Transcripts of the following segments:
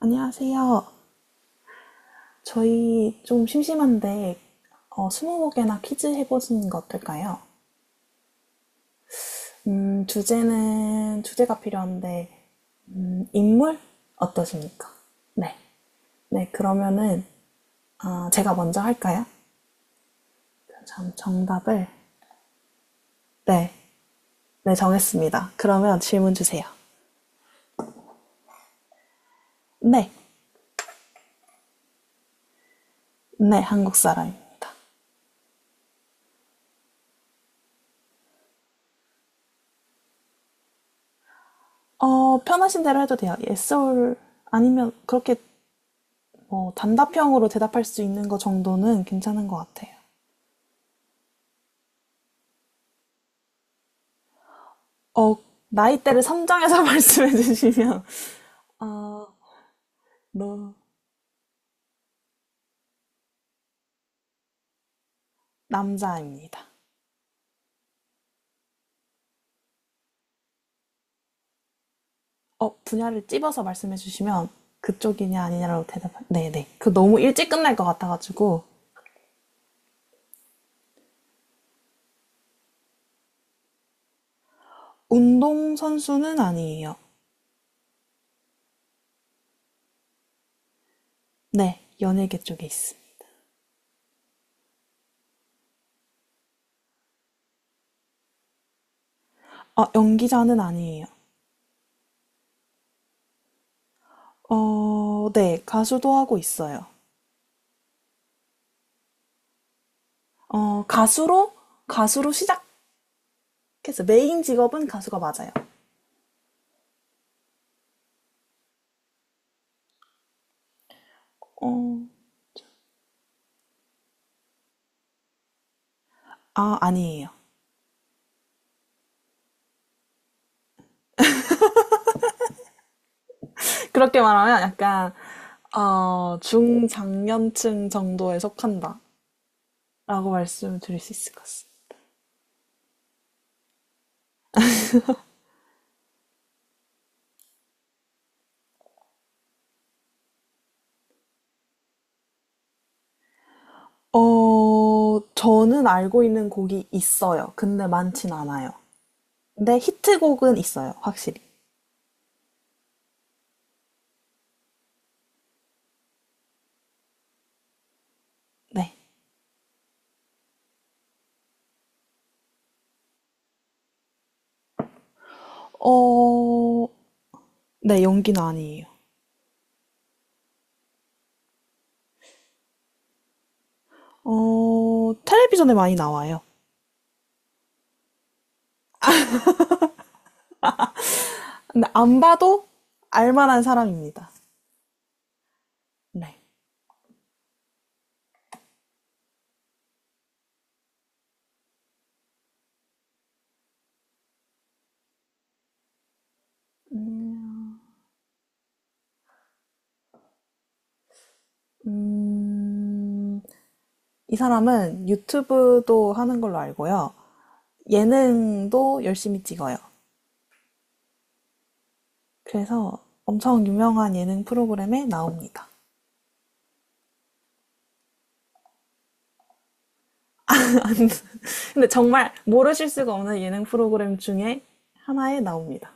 안녕하세요. 저희 좀 심심한데 스무 개나 퀴즈 해보시는 거 어떨까요? 주제는 주제가 필요한데 인물 어떠십니까? 네, 네 그러면은 아, 제가 먼저 할까요? 참 정답을 네, 네 정했습니다. 그러면 질문 주세요. 네, 네 한국 사람입니다. 편하신 대로 해도 돼요. Yes or 아니면 그렇게 뭐 단답형으로 대답할 수 있는 거 정도는 괜찮은 것 같아요. 어, 나이대를 선정해서 말씀해 주시면, 어, 너, 남자입니다. 분야를 찝어서 말씀해 주시면, 그쪽이냐, 아니냐로 대답할, 네네. 그 너무 일찍 끝날 것 같아가지고, 운동선수는 아니에요. 네, 연예계 쪽에 있습니다. 연기자는 아니에요. 네, 가수도 하고 있어요. 가수로, 가수로 시작했어요. 메인 직업은 가수가 맞아요. 어, 아, 아니에요. 그렇게 말하면 약간, 중장년층 정도에 속한다. 라고 말씀을 드릴 수 있을 것 같습니다. 저는 알고 있는 곡이 있어요. 근데 많진 않아요. 근데 히트곡은 있어요. 확실히. 네. 어, 네, 연기는 아니에요. 텔레비전에 많이 나와요. 근데 안 봐도 알만한 사람입니다. 네. 음, 이 사람은 유튜브도 하는 걸로 알고요. 예능도 열심히 찍어요. 그래서 엄청 유명한 예능 프로그램에 나옵니다. 근데 정말 모르실 수가 없는 예능 프로그램 중에 하나에 나옵니다.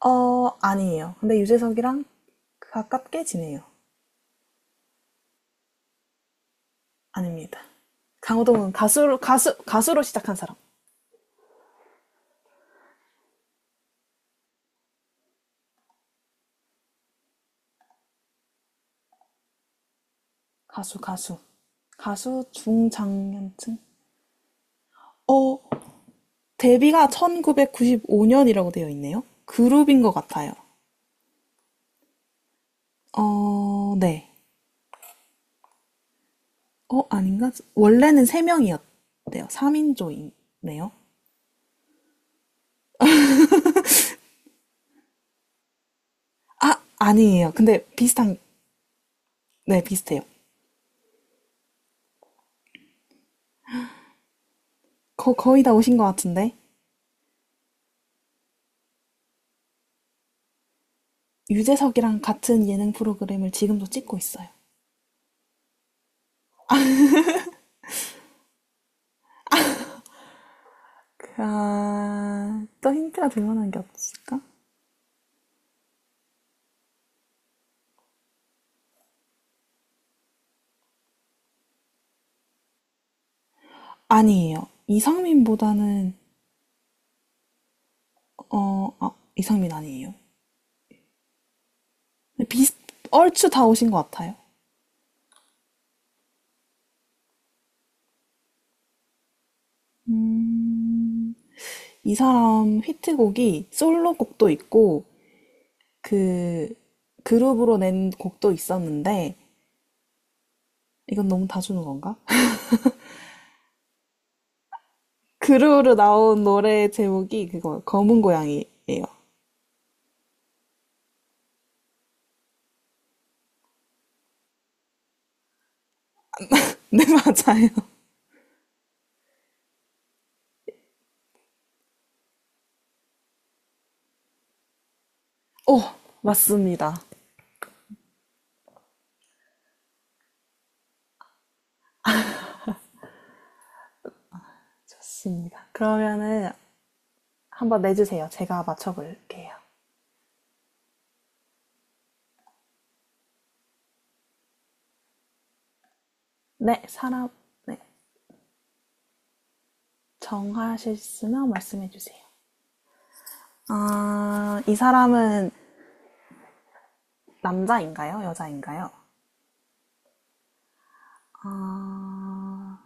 아니에요. 근데 유재석이랑 그 가깝게 지내요. 아닙니다. 강호동은 가수로, 가수, 가수로 시작한 사람. 가수, 가수. 가수 중장년층? 어, 데뷔가 1995년이라고 되어 있네요. 그룹인 것 같아요. 어, 네. 아닌가? 원래는 3명이었대요. 3인조이네요. 아, 아니에요. 근데 비슷한, 네, 비슷해요. 거의 다 오신 것 같은데. 유재석이랑 같은 예능 프로그램을 지금도 찍고 있어요. 아, 또 힌트가 될 만한 게 없을까? 아니에요. 이상민보다는, 어, 아, 이상민 아니에요. 근데 비슷, 얼추 다 오신 것 같아요. 음, 이 사람 히트곡이 솔로곡도 있고, 그 그룹으로 낸 곡도 있었는데 이건 너무 다 주는 건가? 그룹으로 나온 노래 제목이 그거 검은 고양이예요. 네, 맞아요. 오, 맞습니다. 좋습니다. 그러면은 한번 내주세요. 제가 맞춰볼게요. 네, 사람, 네. 정하셨으면 말씀해주세요. 아, 이 사람은 남자인가요? 여자인가요? 아,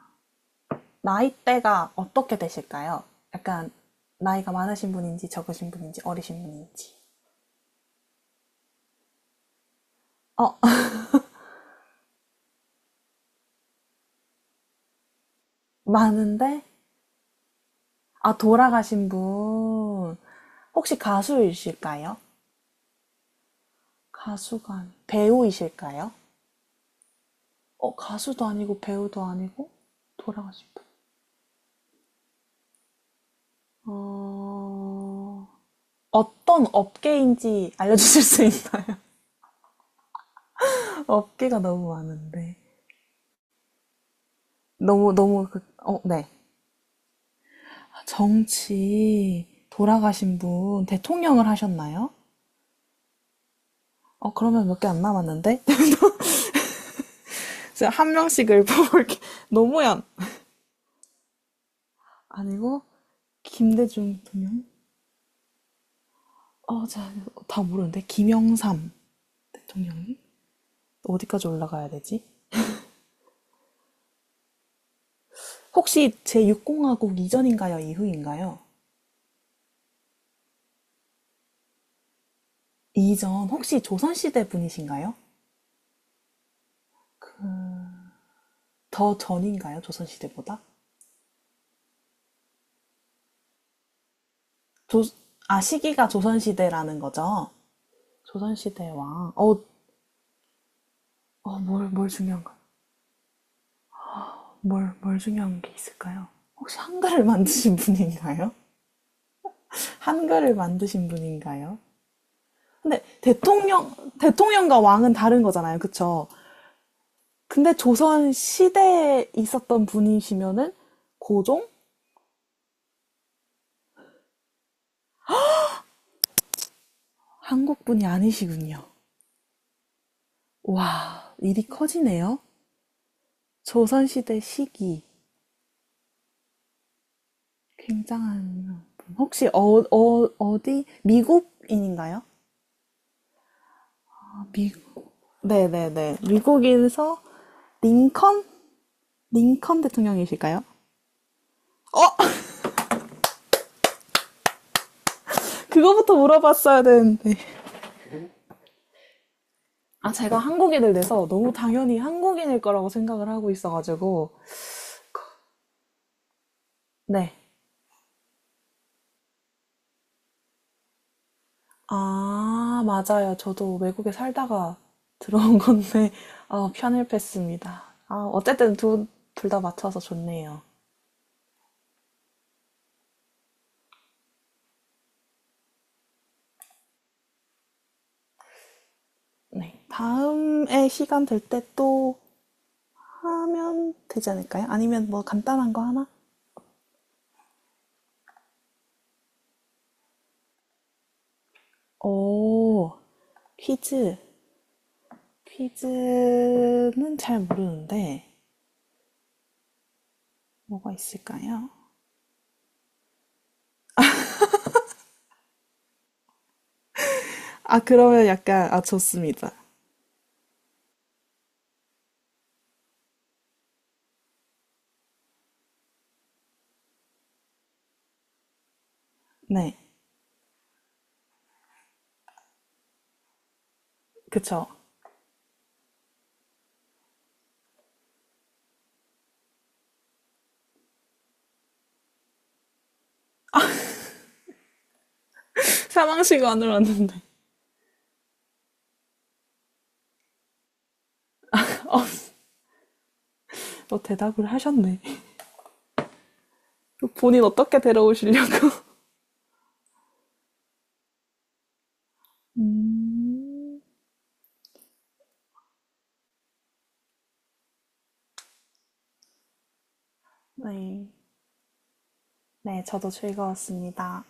나이대가 어떻게 되실까요? 약간 나이가 많으신 분인지 적으신 분인지 어리신 분인지. 어, 많은데? 아, 돌아가신 분. 혹시 가수이실까요? 가수가 아니, 배우이실까요? 가수도 아니고 배우도 아니고 돌아가신 분. 어, 어떤 업계인지 알려주실 수 있나요? 업계가 너무 많은데. 네. 정치 돌아가신 분 대통령을 하셨나요? 그러면 몇 개 안 남았는데? 제가 한 명씩 을뽑볼게 노무현. 아니고, 김대중 대통령? 어, 자, 다 모르는데. 김영삼 대통령님? 어디까지 올라가야 되지? 혹시 제6공화국 이전인가요? 이후인가요? 이전, 혹시 조선시대 분이신가요? 더 전인가요? 조선시대보다? 조, 아, 시기가 조선시대라는 거죠? 조선시대 왕. 어, 뭘 중요한 가 뭘 중요한 게 있을까요? 혹시 한글을 만드신 분인가요? 한글을 만드신 분인가요? 근데 대통령, 대통령과 왕은 다른 거잖아요. 그쵸? 근데 조선 시대에 있었던 분이시면은 고종? 한국 분이 아니시군요. 와, 일이 커지네요. 조선 시대 시기. 굉장한 분. 혹시 어디? 미국인인가요? 아, 미국. 네네네. 미국에서 링컨? 링컨 대통령이실까요? 어! 그거부터 물어봤어야 되는데. 아, 제가 한국인을 내서 너무 당연히 한국인일 거라고 생각을 하고 있어가지고. 네. 아, 맞아요. 저도 외국에 살다가 들어온 건데, 아, 편을했습니다 아, 어쨌든 둘 다 맞춰서 좋네요. 네. 다음에 시간 될 때 또 하면 되지 않을까요? 아니면 뭐 간단한 거 하나? 오, 퀴즈. 퀴즈는 잘 모르는데, 뭐가 있을까요? 아, 그러면 약간, 아, 좋습니다. 네. 그쵸. 사망시가 안 올랐는데. 대답을 하셨네. 본인 어떻게 데려오시려고? 음, 네. 네, 저도 즐거웠습니다.